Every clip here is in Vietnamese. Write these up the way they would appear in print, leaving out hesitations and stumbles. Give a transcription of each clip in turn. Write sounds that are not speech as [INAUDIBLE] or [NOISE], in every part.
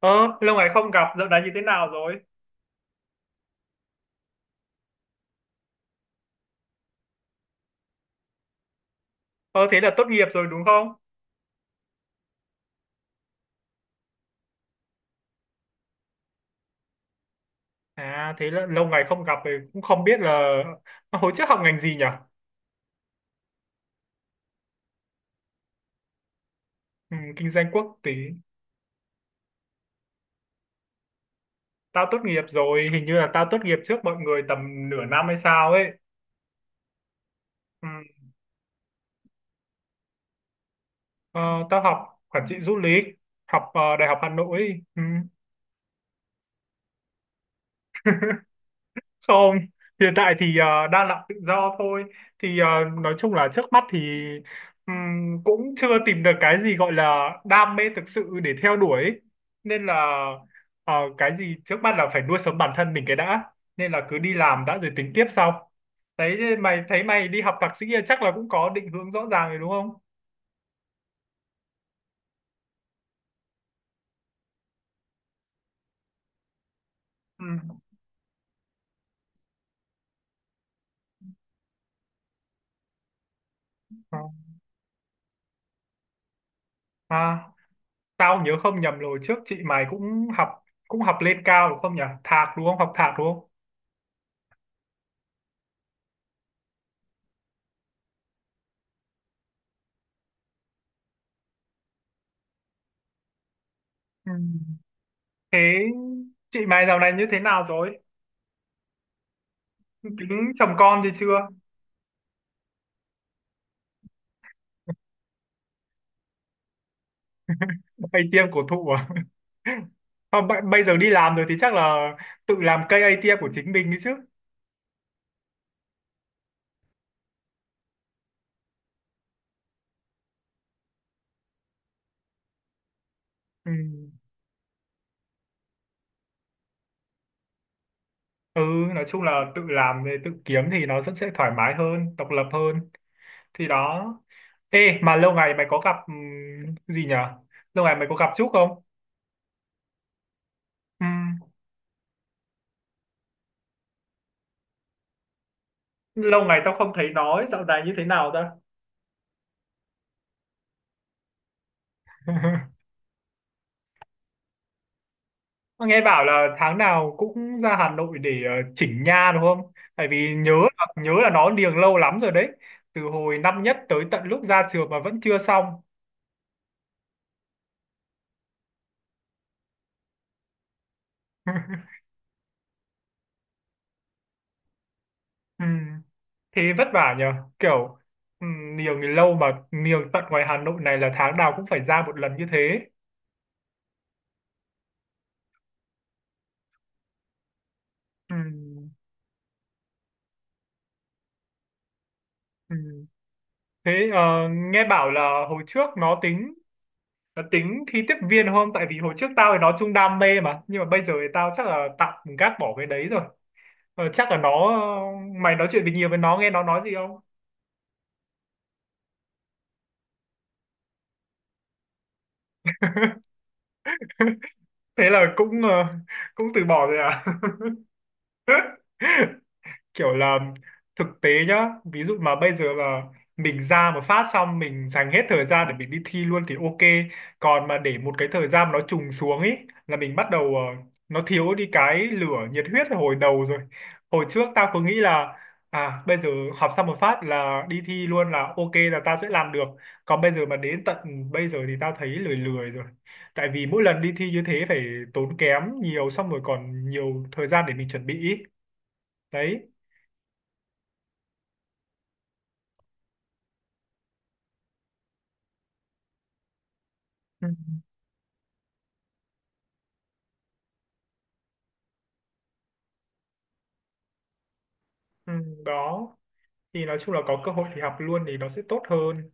Ờ, lâu ngày không gặp, dạo này như thế nào rồi? Ờ, Thế là tốt nghiệp rồi đúng không? À, thế là lâu ngày không gặp thì cũng không biết là [LAUGHS] hồi trước học ngành gì nhỉ? Ừ, kinh doanh quốc tế. Tao tốt nghiệp rồi, hình như là tao tốt nghiệp trước mọi người tầm nửa năm hay sao ấy. Ừ, ờ, tao học quản trị du lịch, học Đại học Hà Nội. Ừ. Không, hiện tại thì đang làm tự do thôi. Thì nói chung là trước mắt thì cũng chưa tìm được cái gì gọi là đam mê thực sự để theo đuổi ấy. Nên là cái gì trước mắt là phải nuôi sống bản thân mình cái đã. Nên là cứ đi làm đã rồi tính tiếp sau. Đấy, thế mày thấy mày đi học thạc sĩ chắc là cũng có định hướng rõ ràng rồi đúng không? Ừ. Ờ. À, tao nhớ không nhầm rồi trước chị mày cũng học lên cao đúng không nhỉ? Thạc đúng không? Học thạc đúng không? Ừ. Thế chị mày dạo này như thế nào rồi? Tính chồng con thì chưa? [LAUGHS] Hay ATM cổ thụ à? [LAUGHS] Không, bây bây giờ đi làm rồi thì chắc là tự làm cây ATM của chính mình đi chứ. Ừ. Ừ, nói chung là tự làm tự kiếm thì nó rất sẽ thoải mái hơn, độc lập hơn. Thì đó. Ê, mà lâu ngày mày có gặp gì nhở? Lâu ngày mày có gặp Trúc không? Ừm, Lâu ngày tao không thấy nói, dạo này như thế nào ta? [LAUGHS] Mà nghe bảo là tháng nào cũng ra Hà Nội để chỉnh nha đúng không? Tại vì nhớ là nó niềng lâu lắm rồi đấy. Từ hồi năm nhất tới tận lúc ra trường mà vẫn chưa xong. [LAUGHS] Ừ, thế vất vả nhờ. Kiểu ừ, niềng thì lâu mà niềng tận ngoài Hà Nội này là tháng nào cũng phải ra một lần như thế. Ừ, ừ. Thế nghe bảo là hồi trước nó tính thi tiếp viên không? Tại vì hồi trước tao thì nó chung đam mê mà. Nhưng mà bây giờ thì tao chắc là tạm gác bỏ cái đấy rồi. Chắc là nó mày nói chuyện tình nhiều với nó nghe nó nói gì không? Thế là cũng cũng từ bỏ rồi à? [LAUGHS] Kiểu là thực tế nhá, ví dụ mà bây giờ mà mình ra một phát xong mình dành hết thời gian để mình đi thi luôn thì ok. Còn mà để một cái thời gian mà nó trùng xuống ấy, là mình bắt đầu nó thiếu đi cái lửa nhiệt huyết ở hồi đầu rồi. Hồi trước tao cứ nghĩ là à bây giờ học xong một phát là đi thi luôn là ok là tao sẽ làm được, còn bây giờ mà đến tận bây giờ thì tao thấy lười lười rồi. Tại vì mỗi lần đi thi như thế phải tốn kém nhiều, xong rồi còn nhiều thời gian để mình chuẩn bị ý. Đấy. Ừ, đó thì nói chung là có cơ hội thì học luôn thì nó sẽ tốt hơn.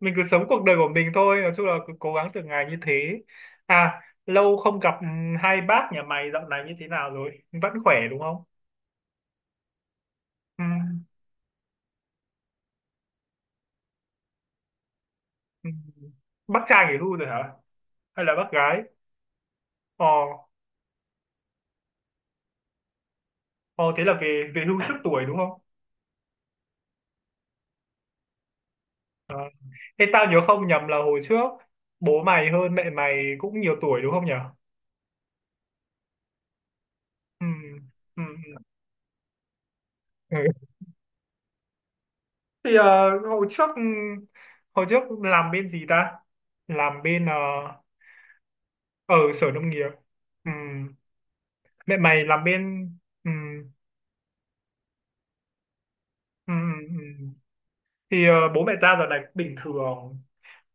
Mình cứ sống cuộc đời của mình thôi, nói chung là cứ cố gắng từng ngày như thế. À, lâu không gặp, hai bác nhà mày dạo này như thế nào rồi, vẫn khỏe đúng không? Ừ, ừ. Bác trai nghỉ hưu rồi hả, hay là bác gái? Ờ. Ờ thế là về về hưu trước tuổi đúng không? Ờ. Thế tao nhớ không nhầm là hồi trước bố mày hơn mẹ mày cũng nhiều tuổi đúng không nhỉ? Ừ, ừ, ừ. Thì hồi trước làm bên gì ta, làm bên ở sở nông nghiệp. Ừm. Mẹ mày làm bên, ừm, ừm. Thì bố mẹ tao giờ này cũng bình thường.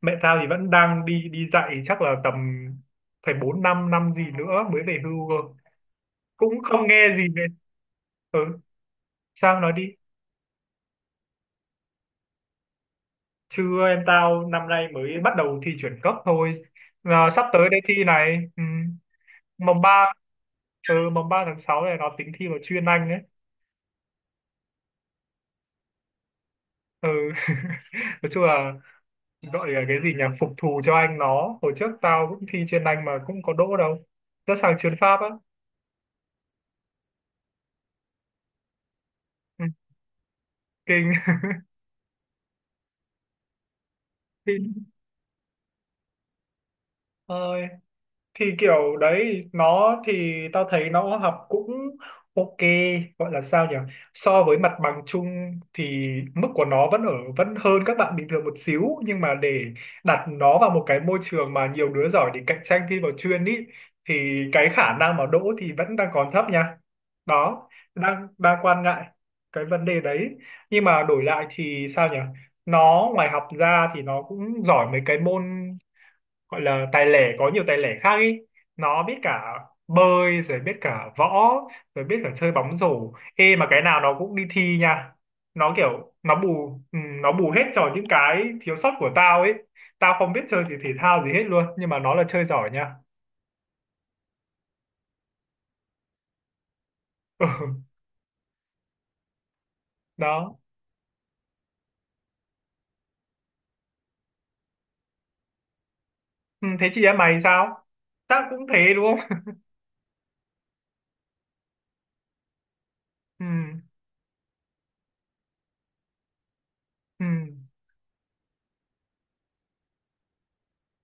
Mẹ tao thì vẫn đang đi đi dạy, chắc là tầm phải bốn năm năm gì nữa mới về hưu cơ. Cũng không nghe gì về. Ừ, sao nói đi? Chưa, em tao năm nay mới bắt đầu thi chuyển cấp thôi. Ờ, sắp tới đây thi này. Mồng ba. Ừ, 3/6 này nó tính thi vào chuyên Anh ấy. Ừ. [LAUGHS] Nói chung là, gọi là cái gì nhỉ, phục thù cho anh nó. Hồi trước tao cũng thi chuyên Anh mà cũng có đỗ đâu, rất sang chuyên Pháp á. Ừ. Kinh. [LAUGHS] Ơi. Thì kiểu đấy, nó thì tao thấy nó học cũng ok, gọi là sao nhỉ, so với mặt bằng chung thì mức của nó vẫn ở vẫn hơn các bạn bình thường một xíu, nhưng mà để đặt nó vào một cái môi trường mà nhiều đứa giỏi để cạnh tranh thi vào chuyên ý thì cái khả năng mà đỗ thì vẫn đang còn thấp nha. Đó. Đang Đang quan ngại cái vấn đề đấy. Nhưng mà đổi lại thì sao nhỉ, nó ngoài học ra thì nó cũng giỏi mấy cái môn gọi là tài lẻ, có nhiều tài lẻ khác ý. Nó biết cả bơi, rồi biết cả võ, rồi biết cả chơi bóng rổ. Ê mà cái nào nó cũng đi thi nha. Nó kiểu nó nó bù hết cho những cái thiếu sót của tao ấy. Tao không biết chơi gì, thể thao gì hết luôn, nhưng mà nó là chơi giỏi nha. [LAUGHS] Ừ, đó. Ừ, thế chị em mày sao, tao cũng thế đúng không? [LAUGHS] Ừ, ừ,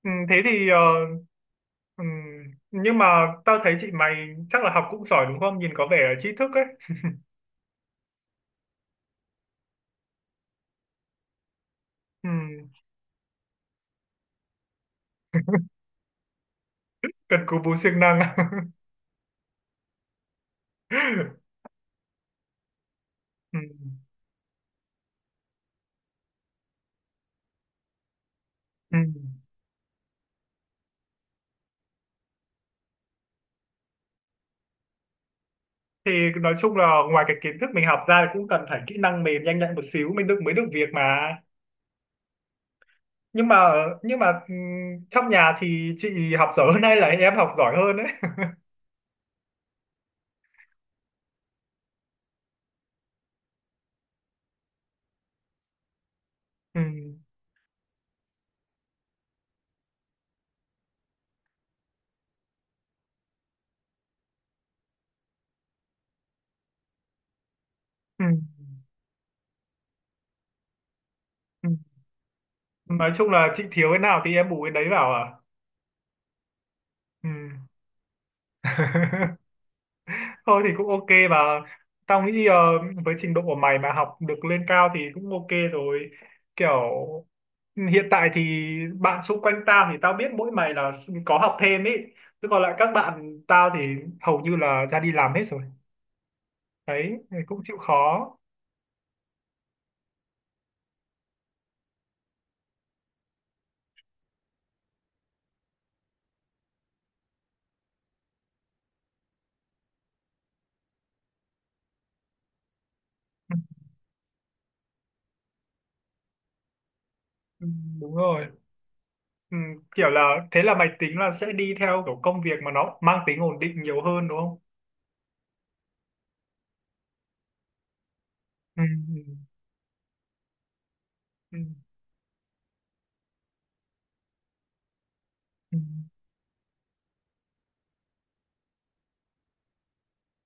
ừ, thế thì ừ, nhưng mà tao thấy chị mày chắc là học cũng giỏi đúng không, nhìn có vẻ là trí thức ấy. Ừ. [LAUGHS] Cần cù bù siêng năng. [LAUGHS] Ừ. Ừ. Thì nói chung là ngoài cái kiến thức mình học ra thì cũng cần phải kỹ năng mềm nhanh nhạy một xíu mình được mới được việc mà. nhưng mà nhưng mà ừ, trong nhà thì chị học giỏi hơn hay là em học giỏi hơn đấy? [LAUGHS] Ừ. Ừ. Ừ. Nói chung là chị thiếu cái nào thì em bù cái đấy vào à? Ừ. [LAUGHS] Thôi thì cũng ok bà, tao nghĩ với trình độ của mày mà học được lên cao thì cũng ok rồi. Kiểu hiện tại thì bạn xung quanh tao thì tao biết mỗi mày là có học thêm ý, chứ còn lại các bạn tao thì hầu như là ra đi làm hết rồi. Đấy thì cũng chịu khó. Ừ, đúng rồi. ừ, Kiểu là thế là mày tính là sẽ đi theo kiểu công việc mà nó mang tính ổn định nhiều hơn đúng không? Ừ, ừ, ừ,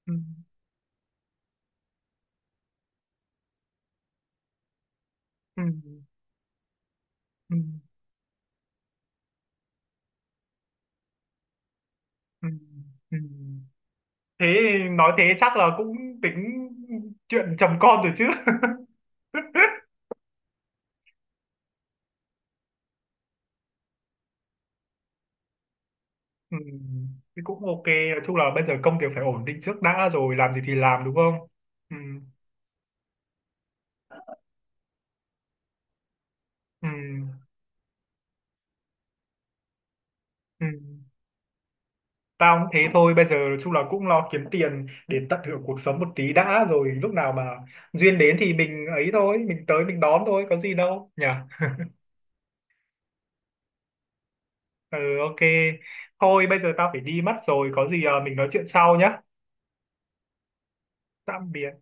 ừ, ừ, ừ, ừ, ừ, ừ. Thế nói thế chắc là cũng tính chuyện chồng con rồi chứ? [LAUGHS] Ừ, thì cũng ok, nói chung là bây giờ công việc phải ổn định trước đã rồi làm gì thì làm đúng không? Ừ, ừ, ừ. Tao cũng thế thôi, bây giờ nói chung là cũng lo kiếm tiền để tận hưởng cuộc sống một tí đã, rồi lúc nào mà duyên đến thì mình ấy thôi, mình tới mình đón thôi, có gì đâu nhỉ. Ừ ok, thôi bây giờ tao phải đi mất rồi, có gì à, mình nói chuyện sau nhá. Tạm biệt.